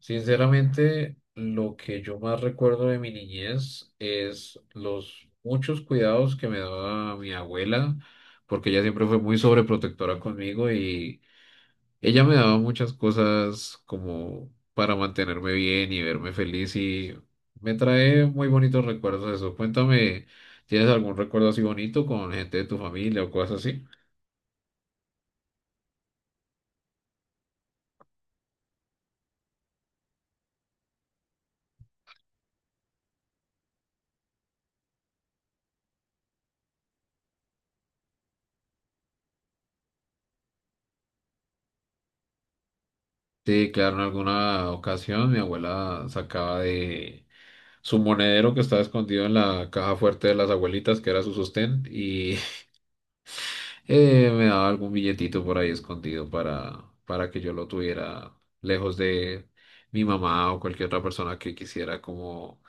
Sinceramente, lo que yo más recuerdo de mi niñez es los muchos cuidados que me daba mi abuela, porque ella siempre fue muy sobreprotectora conmigo y ella me daba muchas cosas como para mantenerme bien y verme feliz y me trae muy bonitos recuerdos de eso. Cuéntame, ¿tienes algún recuerdo así bonito con gente de tu familia o cosas así? Sí, claro, en alguna ocasión mi abuela sacaba de su monedero que estaba escondido en la caja fuerte de las abuelitas, que era su sostén, y me daba algún billetito por ahí escondido para que yo lo tuviera lejos de mi mamá o cualquier otra persona que quisiera como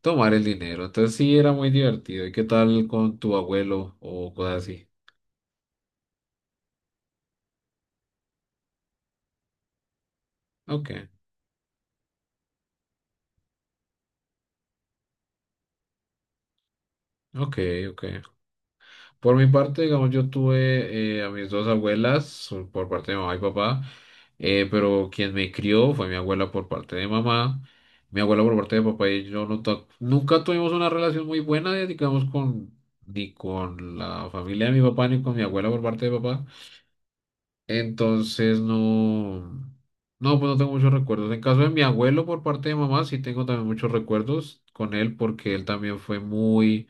tomar el dinero. Entonces sí, era muy divertido. ¿Y qué tal con tu abuelo o cosas así? Ok, ok, ok. Por mi parte, digamos, yo tuve a mis dos abuelas o por parte de mamá y papá, pero quien me crió fue mi abuela por parte de mamá. Mi abuela por parte de papá y yo nunca tuvimos una relación muy buena, digamos, con ni con la familia de mi papá ni con mi abuela por parte de papá. Entonces no, no, pues no tengo muchos recuerdos. En caso de mi abuelo por parte de mamá, sí tengo también muchos recuerdos con él porque él también fue muy...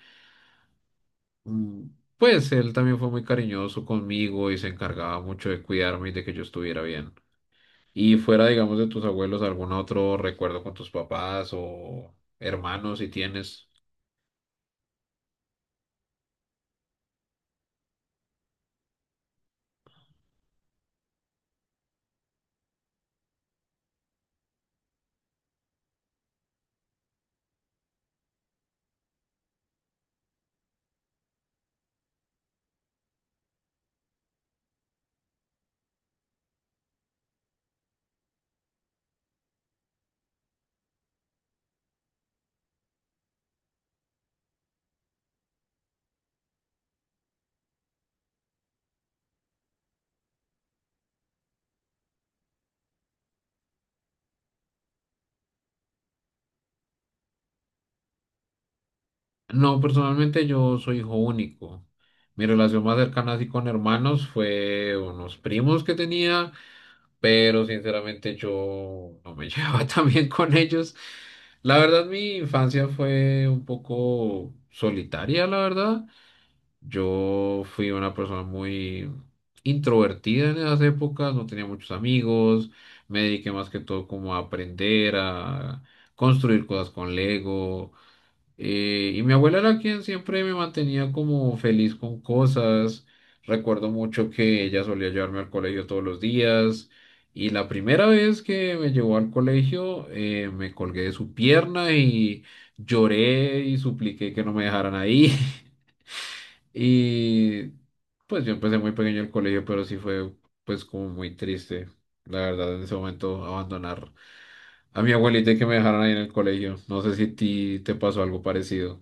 Mm. Pues él también fue muy cariñoso conmigo y se encargaba mucho de cuidarme y de que yo estuviera bien. Y fuera, digamos, de tus abuelos, ¿algún otro recuerdo con tus papás o hermanos si tienes? No, personalmente yo soy hijo único. Mi relación más cercana así con hermanos fue unos primos que tenía, pero sinceramente yo no me llevaba tan bien con ellos. La verdad, mi infancia fue un poco solitaria, la verdad. Yo fui una persona muy introvertida en esas épocas, no tenía muchos amigos, me dediqué más que todo como a aprender, a construir cosas con Lego. Y mi abuela era quien siempre me mantenía como feliz con cosas. Recuerdo mucho que ella solía llevarme al colegio todos los días. Y la primera vez que me llevó al colegio, me colgué de su pierna y lloré y supliqué que no me dejaran ahí. Y pues yo empecé muy pequeño el colegio, pero sí fue pues como muy triste, la verdad, en ese momento abandonar a mi abuelita y que me dejaron ahí en el colegio. No sé si a ti te pasó algo parecido.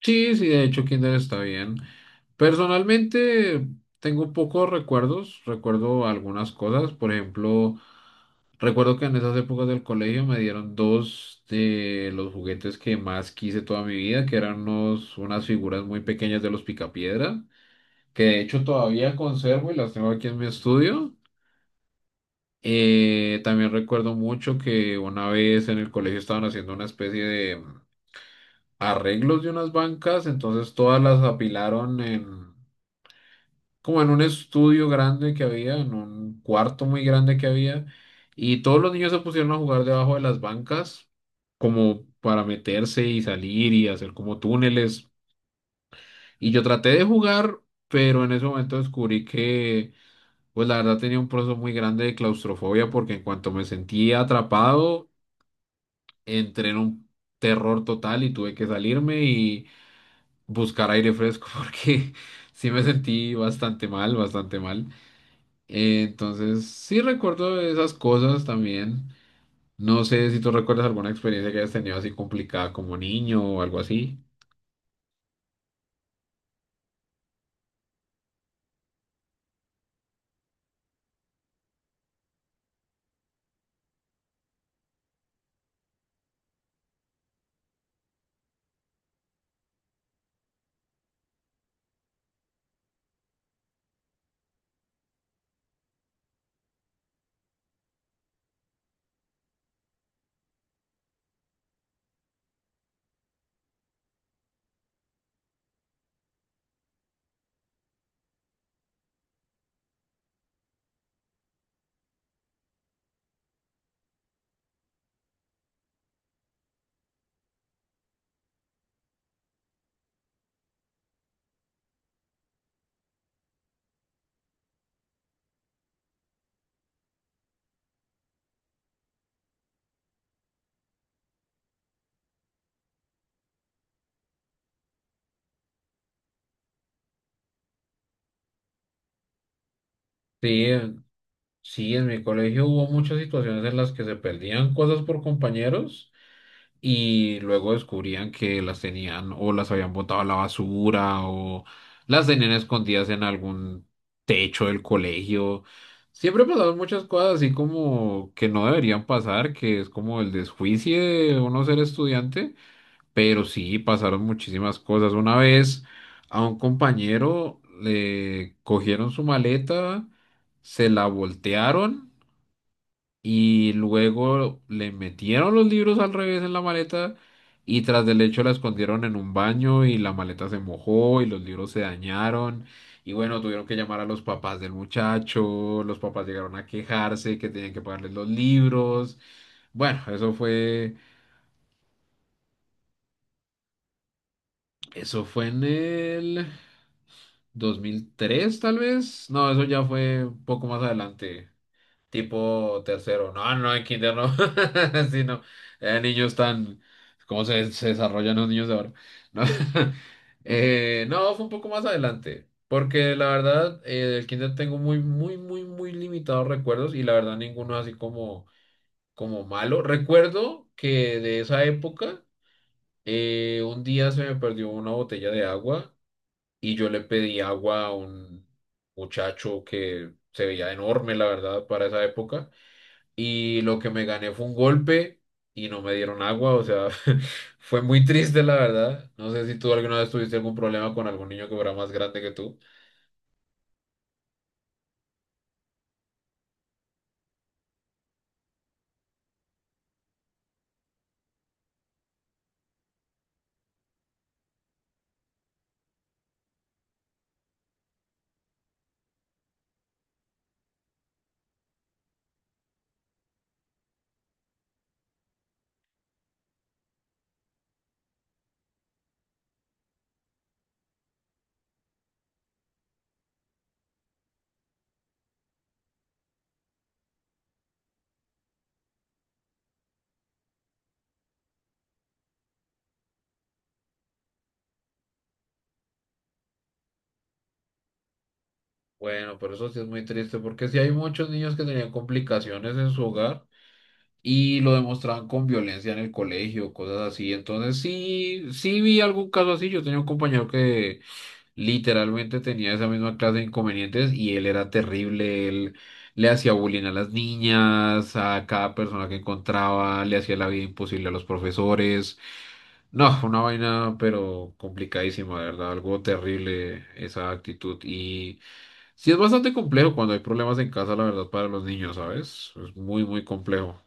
Sí, sí, de hecho kinder está bien. Personalmente tengo pocos recuerdos, recuerdo algunas cosas, por ejemplo, recuerdo que en esas épocas del colegio me dieron dos de los juguetes que más quise toda mi vida, que eran unas figuras muy pequeñas de los Picapiedra, que de hecho todavía conservo y las tengo aquí en mi estudio. También recuerdo mucho que una vez en el colegio estaban haciendo una especie de arreglos de unas bancas, entonces todas las apilaron en como en un estudio grande que había, en un cuarto muy grande que había, y todos los niños se pusieron a jugar debajo de las bancas como para meterse y salir y hacer como túneles. Y yo traté de jugar, pero en ese momento descubrí que... Pues la verdad tenía un proceso muy grande de claustrofobia porque en cuanto me sentí atrapado, entré en un terror total y tuve que salirme y buscar aire fresco porque sí me sentí bastante mal, bastante mal. Entonces sí recuerdo esas cosas también. No sé si tú recuerdas alguna experiencia que hayas tenido así complicada como niño o algo así. Sí, en- sí, en mi colegio hubo muchas situaciones en las que se perdían cosas por compañeros, y luego descubrían que las tenían o las habían botado a la basura o las tenían escondidas en algún techo del colegio. Siempre pasaban muchas cosas así como que no deberían pasar, que es como el desjuicio de uno ser estudiante, pero sí pasaron muchísimas cosas. Una vez a un compañero le cogieron su maleta, se la voltearon y luego le metieron los libros al revés en la maleta y tras del hecho la escondieron en un baño y la maleta se mojó y los libros se dañaron. Y bueno, tuvieron que llamar a los papás del muchacho, los papás llegaron a quejarse que tenían que pagarles los libros. Bueno, eso fue, Eso fue en el 2003 tal vez. No, eso ya fue un poco más adelante. Tipo tercero. No, no, en kinder no. Sí, no. Niños tan... ¿Cómo se, se desarrollan los niños de ahora? No. No, fue un poco más adelante. Porque la verdad, del kinder tengo muy, muy, muy, muy limitados recuerdos y la verdad ninguno así como, como malo. Recuerdo que de esa época, un día se me perdió una botella de agua y yo le pedí agua a un muchacho que se veía enorme, la verdad, para esa época, y lo que me gané fue un golpe y no me dieron agua, o sea, fue muy triste la verdad. No sé si tú alguna vez tuviste algún problema con algún niño que fuera más grande que tú. Bueno, pero eso sí es muy triste porque sí hay muchos niños que tenían complicaciones en su hogar y lo demostraban con violencia en el colegio, cosas así. Entonces sí, sí vi algún caso así. Yo tenía un compañero que literalmente tenía esa misma clase de inconvenientes y él era terrible, él le hacía bullying a las niñas, a cada persona que encontraba, le hacía la vida imposible a los profesores. No, fue una vaina, pero complicadísima, de verdad, algo terrible esa actitud. Y sí es bastante complejo cuando hay problemas en casa, la verdad, para los niños, ¿sabes? Es muy, muy complejo.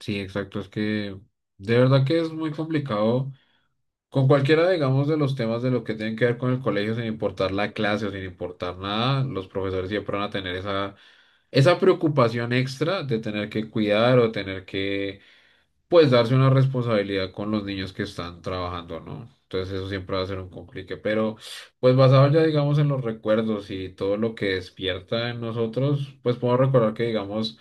Sí, exacto, es que de verdad que es muy complicado. Con cualquiera, digamos, de los temas de lo que tienen que ver con el colegio, sin importar la clase o sin importar nada, los profesores siempre van a tener esa preocupación extra de tener que cuidar o tener que, pues, darse una responsabilidad con los niños que están trabajando, ¿no? Entonces eso siempre va a ser un complique, pero pues basado ya, digamos, en los recuerdos y todo lo que despierta en nosotros, pues podemos recordar que, digamos,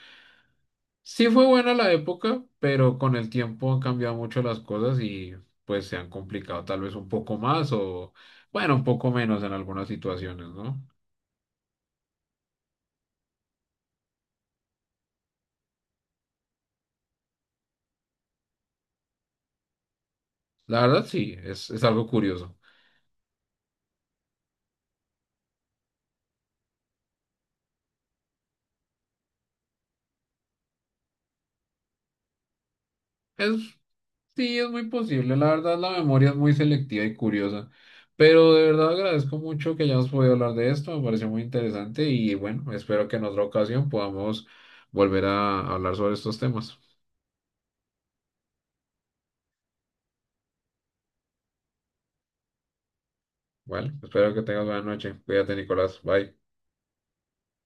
sí fue buena la época, pero con el tiempo han cambiado mucho las cosas y pues se han complicado tal vez un poco más o, bueno, un poco menos en algunas situaciones, ¿no? La verdad sí, es algo curioso. Es, sí, es muy posible, la verdad la memoria es muy selectiva y curiosa, pero de verdad agradezco mucho que hayamos podido hablar de esto, me pareció muy interesante y bueno, espero que en otra ocasión podamos volver a hablar sobre estos temas. Bueno, espero que tengas buena noche. Cuídate, Nicolás. Bye.